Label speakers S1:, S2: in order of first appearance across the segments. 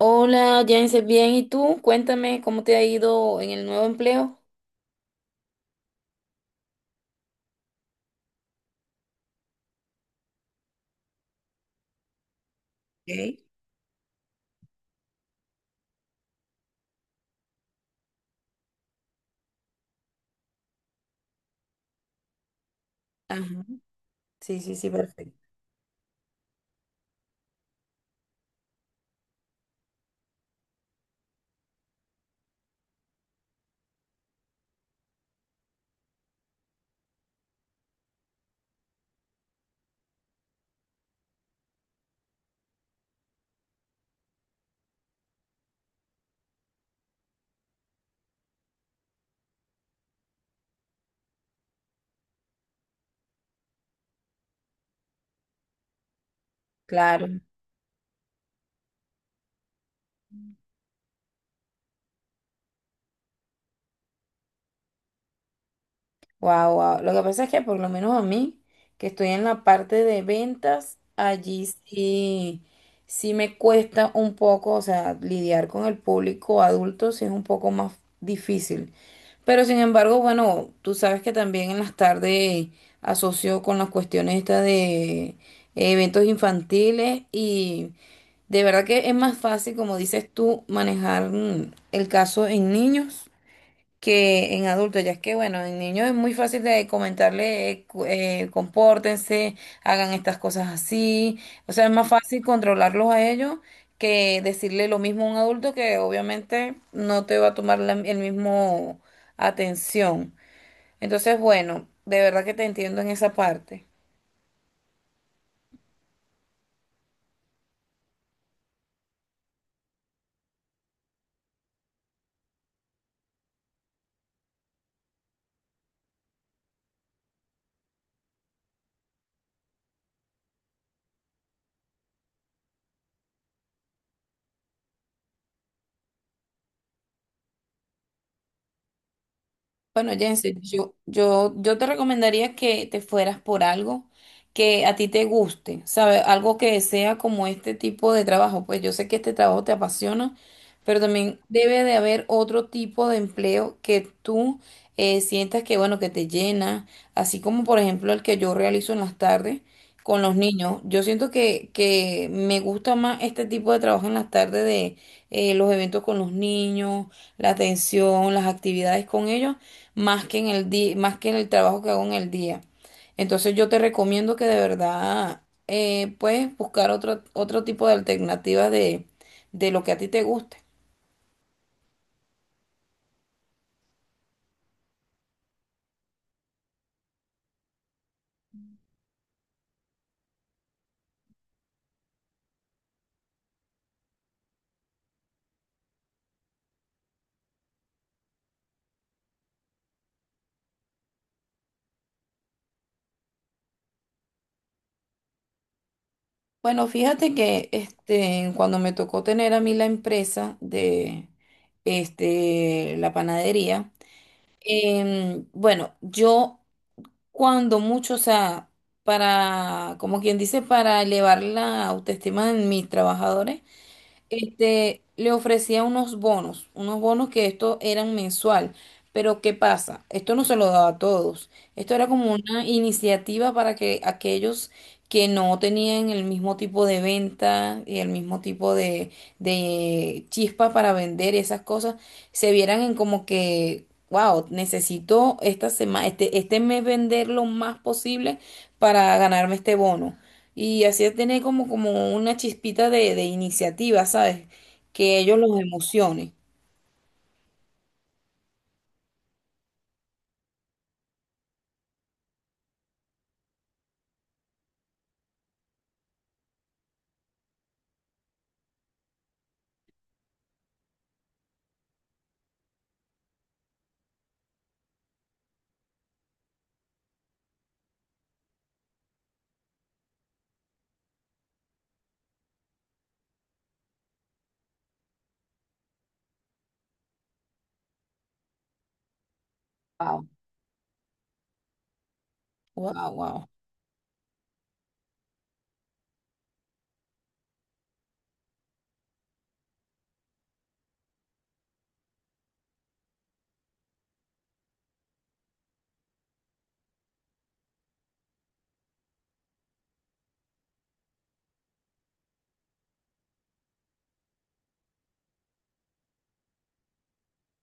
S1: Hola, Jensen, bien, ¿y tú? Cuéntame cómo te ha ido en el nuevo empleo. Ajá. Sí, sí, sí, perfecto. Claro, wow, wow. Lo que pasa es que por lo menos a mí, que estoy en la parte de ventas, allí sí, sí me cuesta un poco, o sea, lidiar con el público adulto sí es un poco más difícil. Pero sin embargo, bueno, tú sabes que también en las tardes asocio con las cuestiones estas de eventos infantiles. De verdad que es más fácil, como dices tú, manejar el caso en niños que en adultos. Ya es que, bueno, en niños es muy fácil de comentarle, compórtense, hagan estas cosas así. O sea, es más fácil controlarlos a ellos que decirle lo mismo a un adulto que obviamente no te va a tomar el mismo atención. Entonces, bueno, de verdad que te entiendo en esa parte. Bueno, Jensen, yo te recomendaría que te fueras por algo que a ti te guste, ¿sabes? Algo que sea como este tipo de trabajo. Pues yo sé que este trabajo te apasiona, pero también debe de haber otro tipo de empleo que tú sientas que, bueno, que te llena, así como por ejemplo el que yo realizo en las tardes con los niños. Yo siento que me gusta más este tipo de trabajo en las tardes de los eventos con los niños, la atención, las actividades con ellos, más que en el día, más que en el trabajo que hago en el día. Entonces yo te recomiendo que de verdad puedes buscar otro tipo de alternativas de lo que a ti te guste. Bueno, fíjate que este, cuando me tocó tener a mí la empresa de este, la panadería. Bueno, yo cuando mucho, o sea, para, como quien dice, para elevar la autoestima de mis trabajadores, este, le ofrecía unos bonos que esto eran mensual. Pero ¿qué pasa? Esto no se lo daba a todos. Esto era como una iniciativa para que aquellos que no tenían el mismo tipo de venta y el mismo tipo de Chispa para vender esas cosas, se vieran en como que, wow, necesito esta semana, este mes vender lo más posible para ganarme este bono. Y así tener como, como una chispita de iniciativa, ¿sabes? Que ellos los emocione. Wow, wow, wow,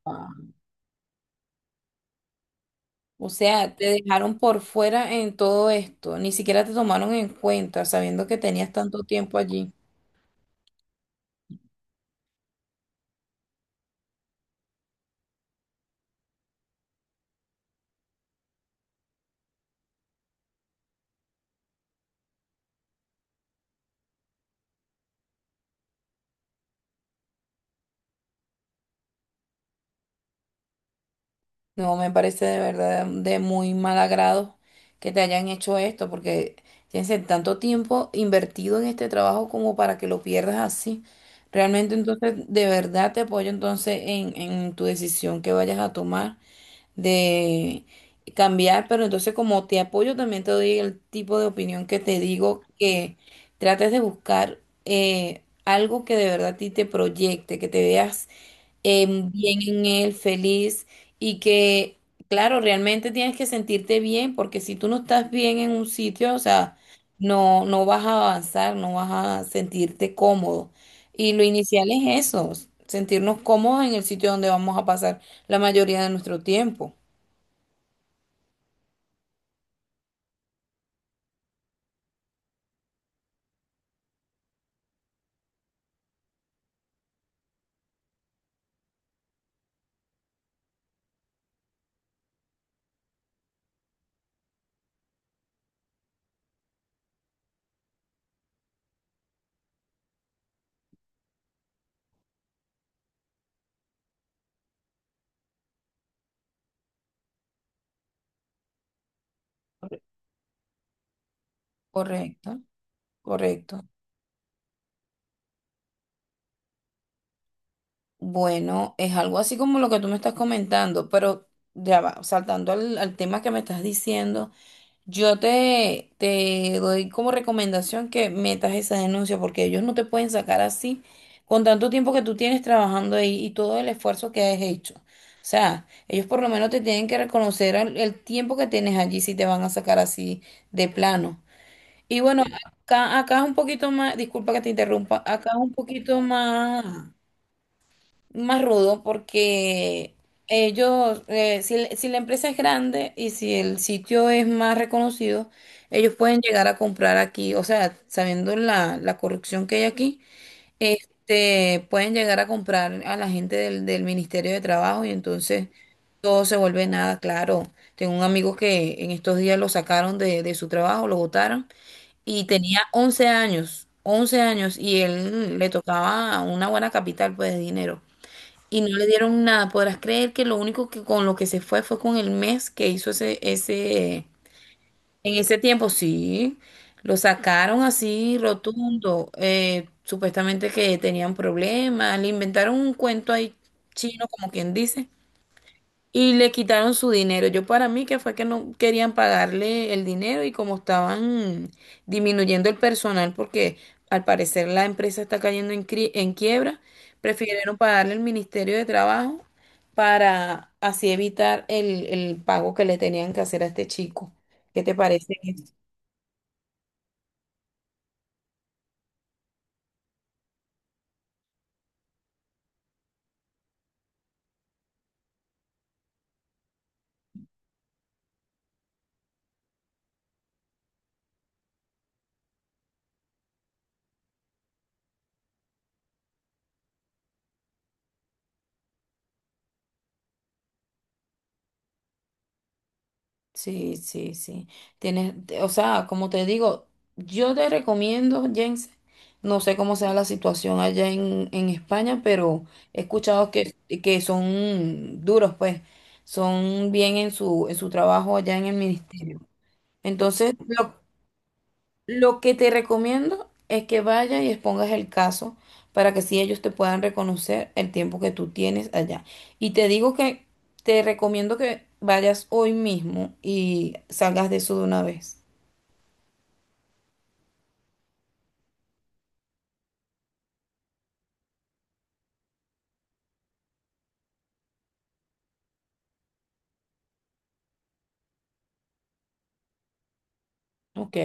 S1: wow. O sea, te dejaron por fuera en todo esto, ni siquiera te tomaron en cuenta, sabiendo que tenías tanto tiempo allí. No, me parece de verdad de muy mal agrado que te hayan hecho esto, porque tienes el tanto tiempo invertido en este trabajo como para que lo pierdas así. Realmente entonces, de verdad te apoyo entonces en tu decisión que vayas a tomar de cambiar, pero entonces como te apoyo también te doy el tipo de opinión que te digo que trates de buscar algo que de verdad a ti te proyecte, que te veas bien en él, feliz y que, claro, realmente tienes que sentirte bien porque si tú no estás bien en un sitio, o sea, no vas a avanzar, no vas a sentirte cómodo. Y lo inicial es eso, sentirnos cómodos en el sitio donde vamos a pasar la mayoría de nuestro tiempo. Correcto, correcto. Bueno, es algo así como lo que tú me estás comentando, pero ya va, saltando al tema que me estás diciendo. Te doy como recomendación que metas esa denuncia porque ellos no te pueden sacar así con tanto tiempo que tú tienes trabajando ahí y todo el esfuerzo que has hecho. O sea, ellos por lo menos te tienen que reconocer el tiempo que tienes allí si te van a sacar así de plano. Y bueno, acá, acá es un poquito más, disculpa que te interrumpa, acá es un poquito más más rudo porque ellos, si la empresa es grande y si el sitio es más reconocido, ellos pueden llegar a comprar aquí, o sea, sabiendo la corrupción que hay aquí, este, pueden llegar a comprar a la gente del Ministerio de Trabajo y entonces todo se vuelve nada claro. Tengo un amigo que en estos días lo sacaron de su trabajo, lo botaron y tenía 11 años. 11 años y él le tocaba una buena capital pues de dinero. Y no le dieron nada. Podrás creer que lo único que con lo que se fue fue con el mes que hizo ese, en ese tiempo, sí. Lo sacaron así rotundo. Supuestamente que tenían problemas. Le inventaron un cuento ahí chino, como quien dice. Y le quitaron su dinero. Yo para mí que fue que no querían pagarle el dinero y como estaban disminuyendo el personal porque al parecer la empresa está cayendo en, en quiebra, prefirieron pagarle al Ministerio de Trabajo para así evitar el pago que le tenían que hacer a este chico. ¿Qué te parece? Sí, sí, sí. Tienes, o sea, como te digo, yo te recomiendo, Jens, no sé cómo sea la situación allá en España, pero he escuchado que son duros, pues, son bien en su trabajo allá en el ministerio. Entonces, lo que te recomiendo es que vayas y expongas el caso para que si ellos te puedan reconocer el tiempo que tú tienes allá. Y te digo que te recomiendo que vayas hoy mismo y salgas de eso de una vez. Ok.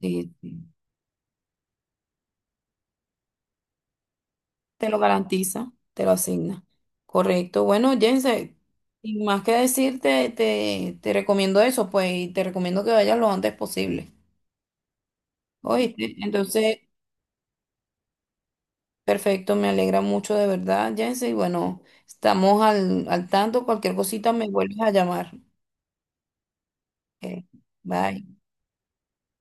S1: Sí, te lo garantiza, te lo asigna. Correcto. Bueno, Jense, sin más que decirte, te recomiendo eso, pues, y te recomiendo que vayas lo antes posible. Oíste, entonces perfecto, me alegra mucho de verdad, Jensen. Y bueno, estamos al tanto. Cualquier cosita me vuelves a llamar. Ok. Bye.